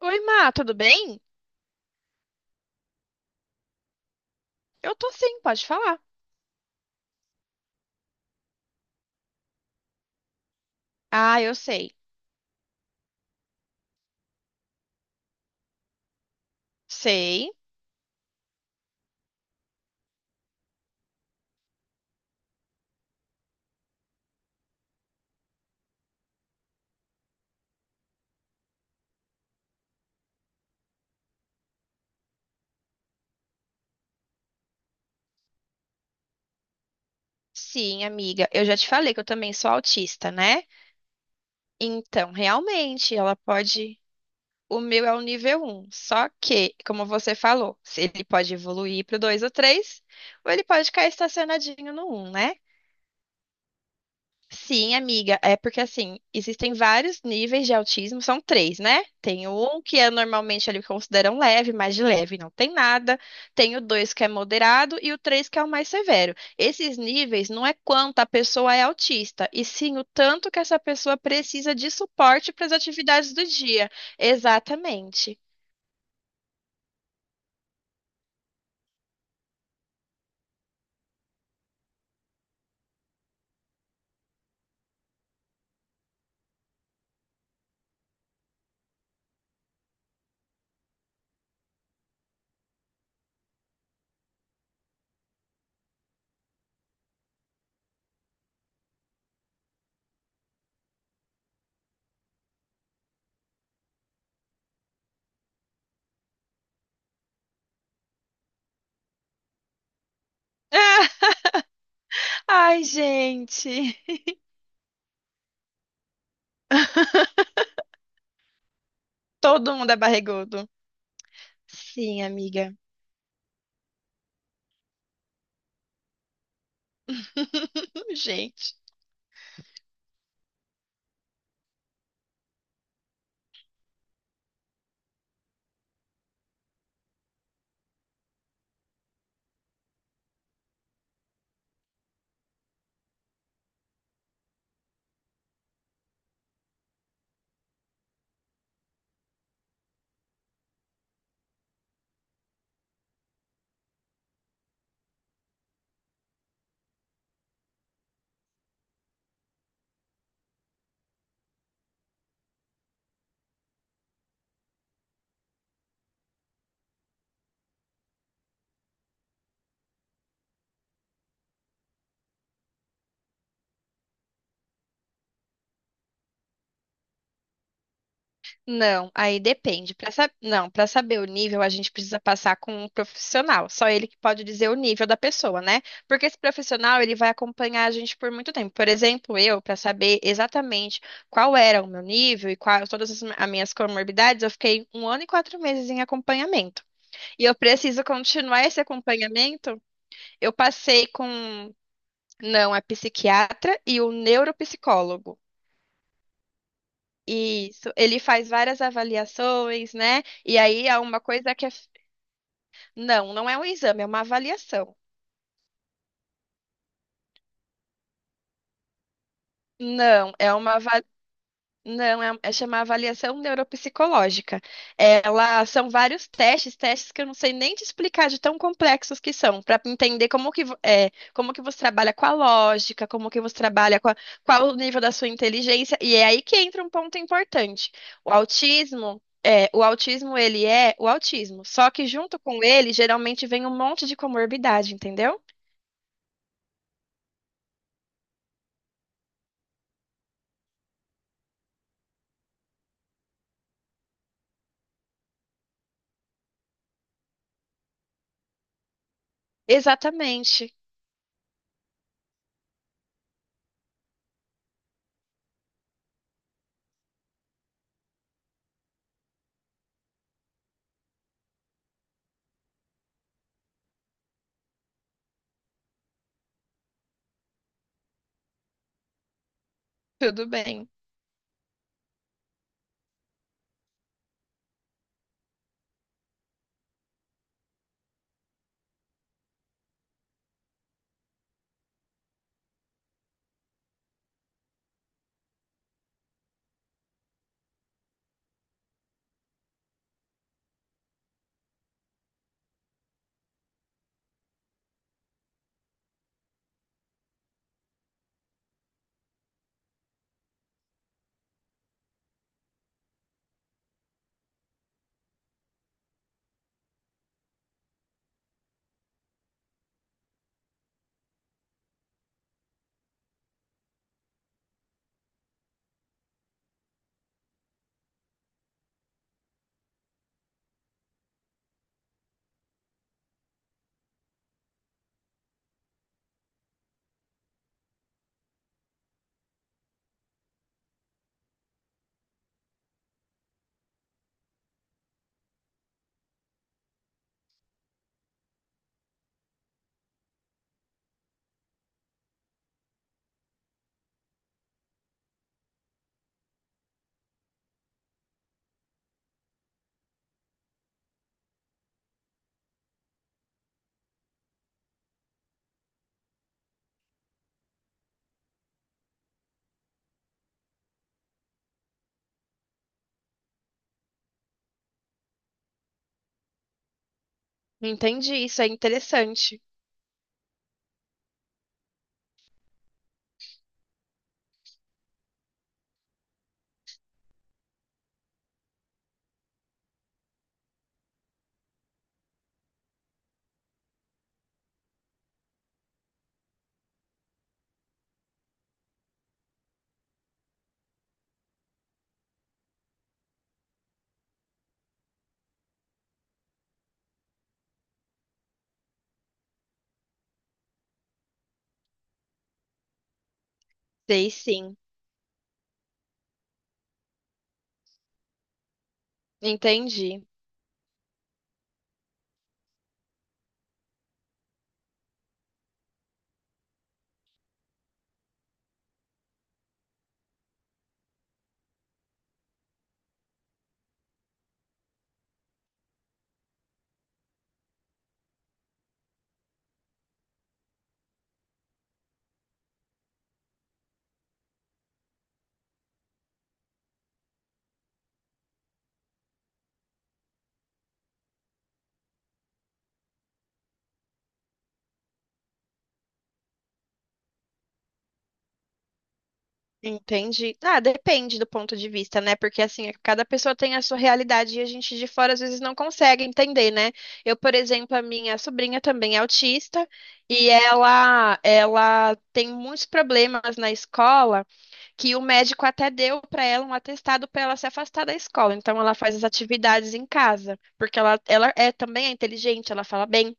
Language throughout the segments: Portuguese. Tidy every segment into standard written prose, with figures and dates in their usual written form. Oi, Má, tudo bem? Eu tô sim, pode falar. Ah, eu sei. Sei. Sim, amiga. Eu já te falei que eu também sou autista, né? Então, realmente, ela pode. O meu é o nível um. Só que, como você falou, se ele pode evoluir pro 2 ou 3, ou ele pode ficar estacionadinho no um, né? Sim, amiga, é porque assim, existem vários níveis de autismo, são três, né? Tem um que é normalmente eles consideram leve, mais de leve não tem nada. Tem o dois que é moderado e o três que é o mais severo. Esses níveis não é quanto a pessoa é autista, e sim o tanto que essa pessoa precisa de suporte para as atividades do dia. Exatamente. Ai, gente, todo mundo é barrigudo. Sim, amiga. Gente. Não, aí depende. Para Não, para saber o nível, a gente precisa passar com um profissional. Só ele que pode dizer o nível da pessoa, né? Porque esse profissional, ele vai acompanhar a gente por muito tempo. Por exemplo, eu, para saber exatamente qual era o meu nível e quais todas as as minhas comorbidades, eu fiquei um ano e 4 meses em acompanhamento. E eu preciso continuar esse acompanhamento. Eu passei com, não, é psiquiatra e o neuropsicólogo. Isso, ele faz várias avaliações, né? E aí há uma coisa que é. Não, não é um exame, é uma avaliação. Não, é uma avaliação. Não, é chamar avaliação neuropsicológica. Ela são vários testes, testes que eu não sei nem te explicar de tão complexos que são, para entender como que, como que você trabalha com a lógica, como que você trabalha com a- qual o nível da sua inteligência, e é aí que entra um ponto importante. O autismo ele é o autismo, só que junto com ele geralmente vem um monte de comorbidade, entendeu? Exatamente. Tudo bem. Entendi, isso é interessante. Sei sim. Entendi. Entendi. Ah, depende do ponto de vista, né? Porque assim, cada pessoa tem a sua realidade e a gente de fora às vezes não consegue entender, né? Eu, por exemplo, a minha sobrinha também é autista e ela tem muitos problemas na escola que o médico até deu para ela um atestado para ela se afastar da escola. Então ela faz as atividades em casa, porque ela também é inteligente, ela fala bem.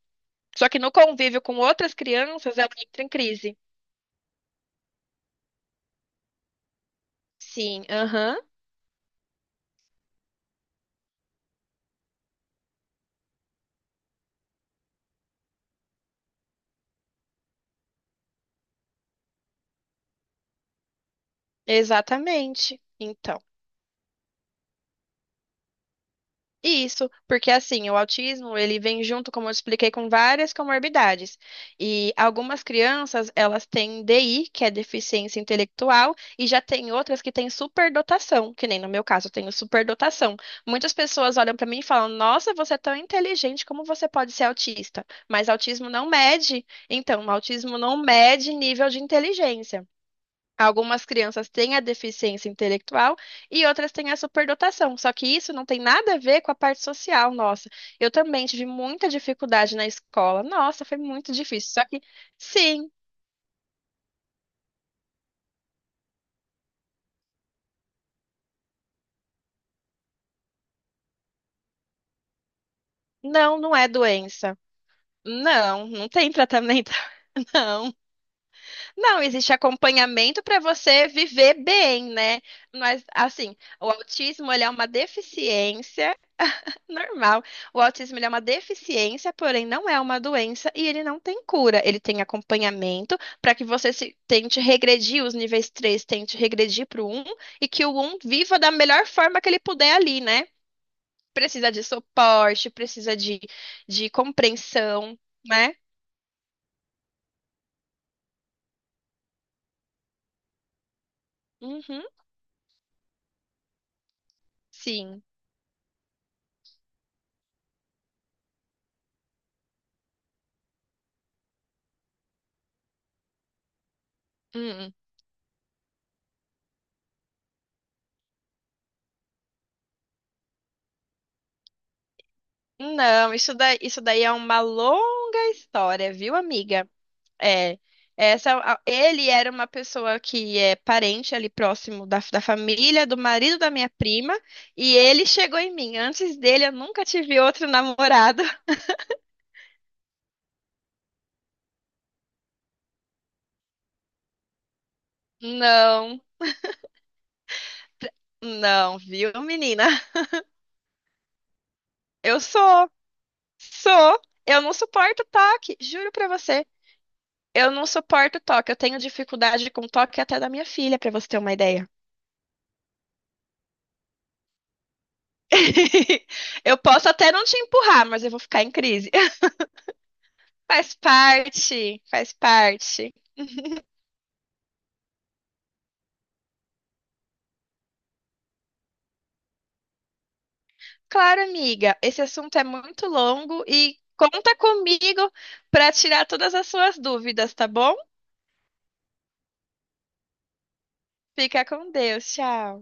Só que no convívio com outras crianças, ela entra em crise. Sim, aham, exatamente. Então, isso, porque assim, o autismo, ele vem junto, como eu expliquei, com várias comorbidades. E algumas crianças, elas têm DI, que é deficiência intelectual, e já tem outras que têm superdotação, que nem no meu caso, eu tenho superdotação. Muitas pessoas olham para mim e falam: "Nossa, você é tão inteligente, como você pode ser autista?" Mas autismo não mede, então, autismo não mede nível de inteligência. Algumas crianças têm a deficiência intelectual e outras têm a superdotação. Só que isso não tem nada a ver com a parte social, nossa. Eu também tive muita dificuldade na escola. Nossa, foi muito difícil. Só que, sim, não, não é doença. Não, não tem tratamento, não. Não, existe acompanhamento para você viver bem, né? Mas, assim, o autismo, ele é uma deficiência. Normal. O autismo ele é uma deficiência, porém não é uma doença e ele não tem cura. Ele tem acompanhamento para que você se tente regredir os níveis 3, tente regredir para o um e que o um viva da melhor forma que ele puder ali, né? Precisa de suporte, precisa de compreensão, né? Uhum, sim. Hum. Hum. Não, isso daí é uma longa história, viu, amiga? É, ele era uma pessoa que é parente ali próximo da família, do marido da minha prima, e ele chegou em mim. Antes dele, eu nunca tive outro namorado. Não, não, viu, menina? Eu sou, sou. Eu não suporto toque, juro pra você. Eu não suporto toque. Eu tenho dificuldade com toque até da minha filha, pra você ter uma ideia. Eu posso até não te empurrar, mas eu vou ficar em crise. Faz parte, faz parte. Claro, amiga. Esse assunto é muito longo e conta comigo para tirar todas as suas dúvidas, tá bom? Fica com Deus. Tchau.